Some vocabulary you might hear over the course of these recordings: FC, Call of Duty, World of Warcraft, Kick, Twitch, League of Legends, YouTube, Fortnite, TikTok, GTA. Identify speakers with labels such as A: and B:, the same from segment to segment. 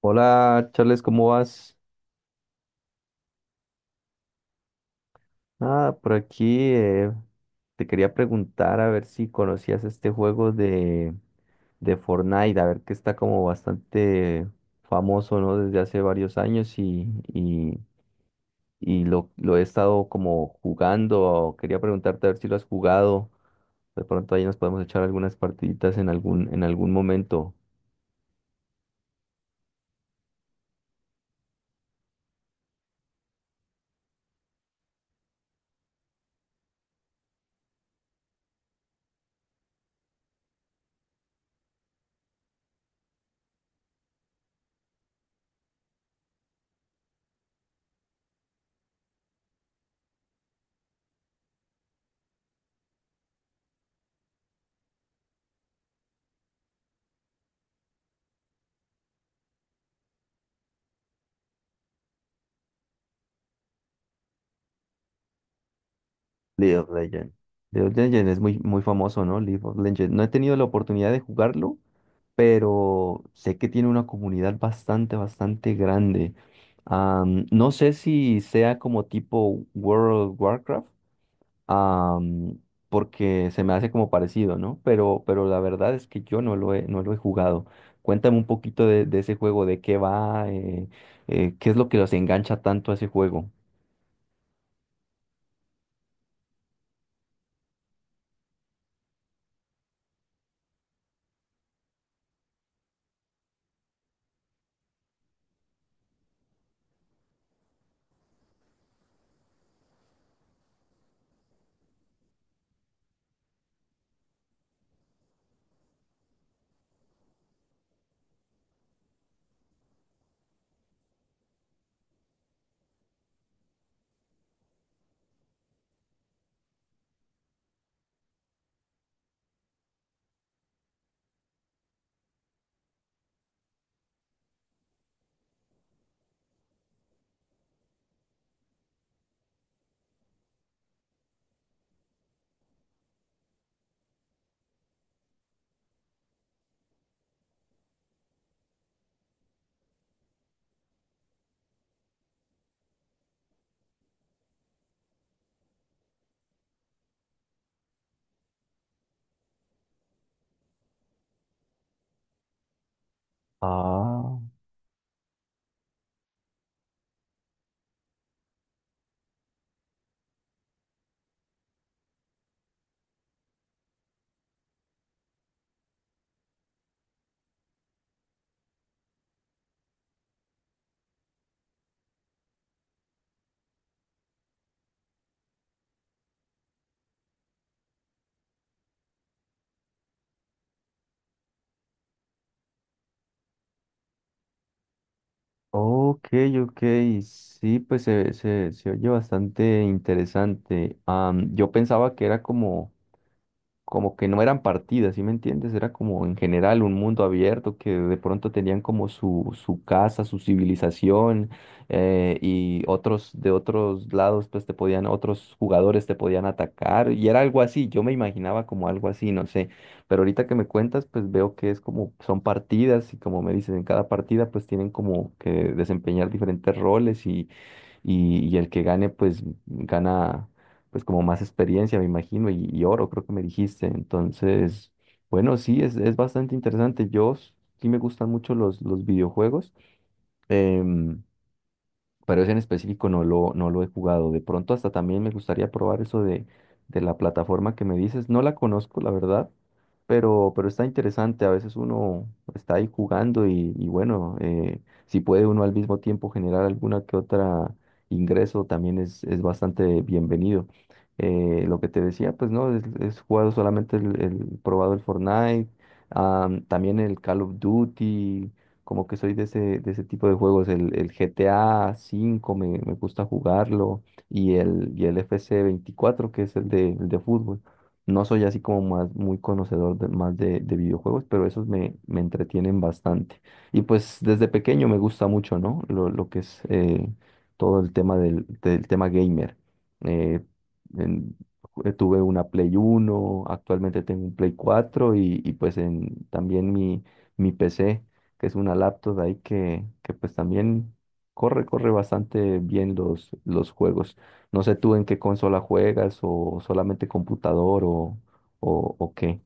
A: Hola, Charles, ¿cómo vas? Ah, por aquí te quería preguntar a ver si conocías este juego de Fortnite, a ver que está como bastante famoso, ¿no? Desde hace varios años y, y lo he estado como jugando. Quería preguntarte a ver si lo has jugado. De pronto ahí nos podemos echar algunas partiditas en algún momento. League of Legends. League of Legends es muy, muy famoso, ¿no? League of Legends. No he tenido la oportunidad de jugarlo pero sé que tiene una comunidad bastante, bastante grande. No sé si sea como tipo World of Warcraft, am, porque se me hace como parecido, ¿no? Pero la verdad es que yo no lo he jugado. Cuéntame un poquito de ese juego, de qué va, qué es lo que los engancha tanto a ese juego. Ah, ok, ok, sí, pues se oye bastante interesante. Yo pensaba que era como que no eran partidas, ¿sí me entiendes? Era como en general un mundo abierto que de pronto tenían como su casa, su civilización, y otros de otros lados pues otros jugadores te podían atacar y era algo así, yo me imaginaba como algo así, no sé, pero ahorita que me cuentas pues veo que es como son partidas y como me dices, en cada partida pues tienen como que desempeñar diferentes roles y el que gane, pues gana, pues como más experiencia, me imagino, y oro, creo que me dijiste. Entonces, bueno, sí, es bastante interesante. Yo sí me gustan mucho los videojuegos. Em, pero ese en específico no lo he jugado. De pronto hasta también me gustaría probar eso de la plataforma que me dices. No la conozco, la verdad, pero está interesante. A veces uno está ahí jugando y bueno, si puede uno al mismo tiempo generar alguna que otra ingreso, también es bastante bienvenido. Lo que te decía, pues no, es jugado solamente probado el Fortnite, ah, también el Call of Duty como que soy de ese tipo de juegos. El GTA 5 me gusta jugarlo y el FC 24 que es el de fútbol. No soy así como más muy conocedor más de videojuegos, pero esos me entretienen bastante. Y pues desde pequeño me gusta mucho, ¿no? Lo que es todo el tema del tema gamer. Eh, en- tuve una Play 1. Actualmente tengo un Play 4 y pues también mi PC que es una laptop ahí que pues también corre bastante bien los juegos. No sé tú en qué consola juegas o solamente computador o qué.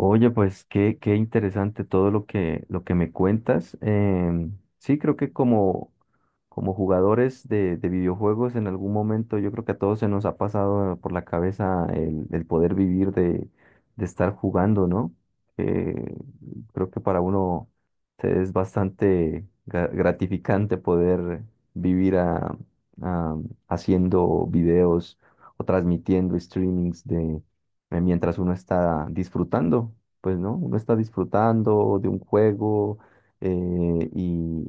A: Oye, pues qué interesante todo lo lo que me cuentas. Sí, creo que como jugadores de videojuegos, en algún momento yo creo que a todos se nos ha pasado por la cabeza el poder vivir de estar jugando, ¿no? Eh, creo que para uno es bastante gratificante poder vivir a- haciendo videos o transmitiendo streamings de mientras uno está disfrutando, pues, ¿no? Uno está disfrutando de un juego eh, y,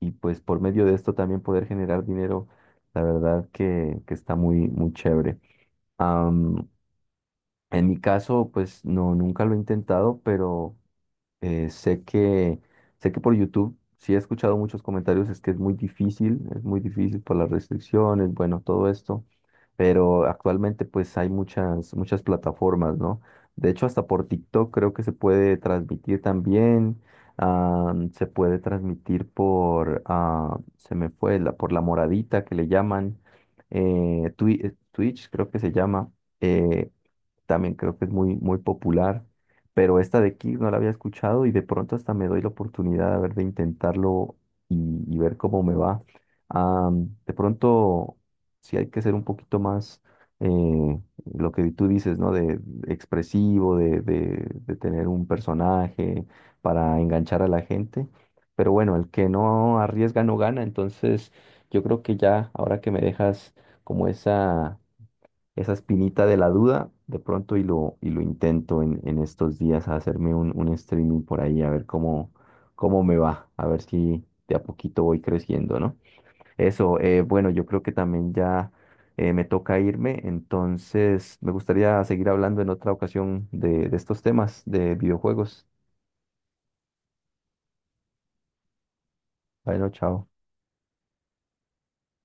A: y pues por medio de esto también poder generar dinero, la verdad que está muy, muy chévere. Am, en mi caso, pues no, nunca lo he intentado, pero eh, sé que, sé que por YouTube sí he escuchado muchos comentarios, es que es muy difícil por las restricciones, bueno, todo esto, pero actualmente pues hay muchas, muchas plataformas, ¿no? De hecho, hasta por TikTok creo que se puede transmitir también, se puede transmitir por, se me fue, la, por la moradita que le llaman, Twitch creo que se llama, eh, también creo que es muy, muy popular, pero esta de Kick no la había escuchado y de pronto hasta me doy la oportunidad a ver de intentarlo y, y ver cómo me va. Ah, de pronto, sí hay que ser un poquito más, eh, lo que tú dices, ¿no? De expresivo, de tener un personaje para enganchar a la gente. Pero bueno, el que no arriesga no gana, entonces yo creo que ya ahora que me dejas como esa espinita de la duda de pronto y lo intento en estos días a hacerme un streaming por ahí, a ver cómo me va, a ver si de a poquito voy creciendo, ¿no? Eso, bueno, yo creo que también ya me toca irme, entonces me gustaría seguir hablando en otra ocasión de estos temas de videojuegos. Bueno, chao.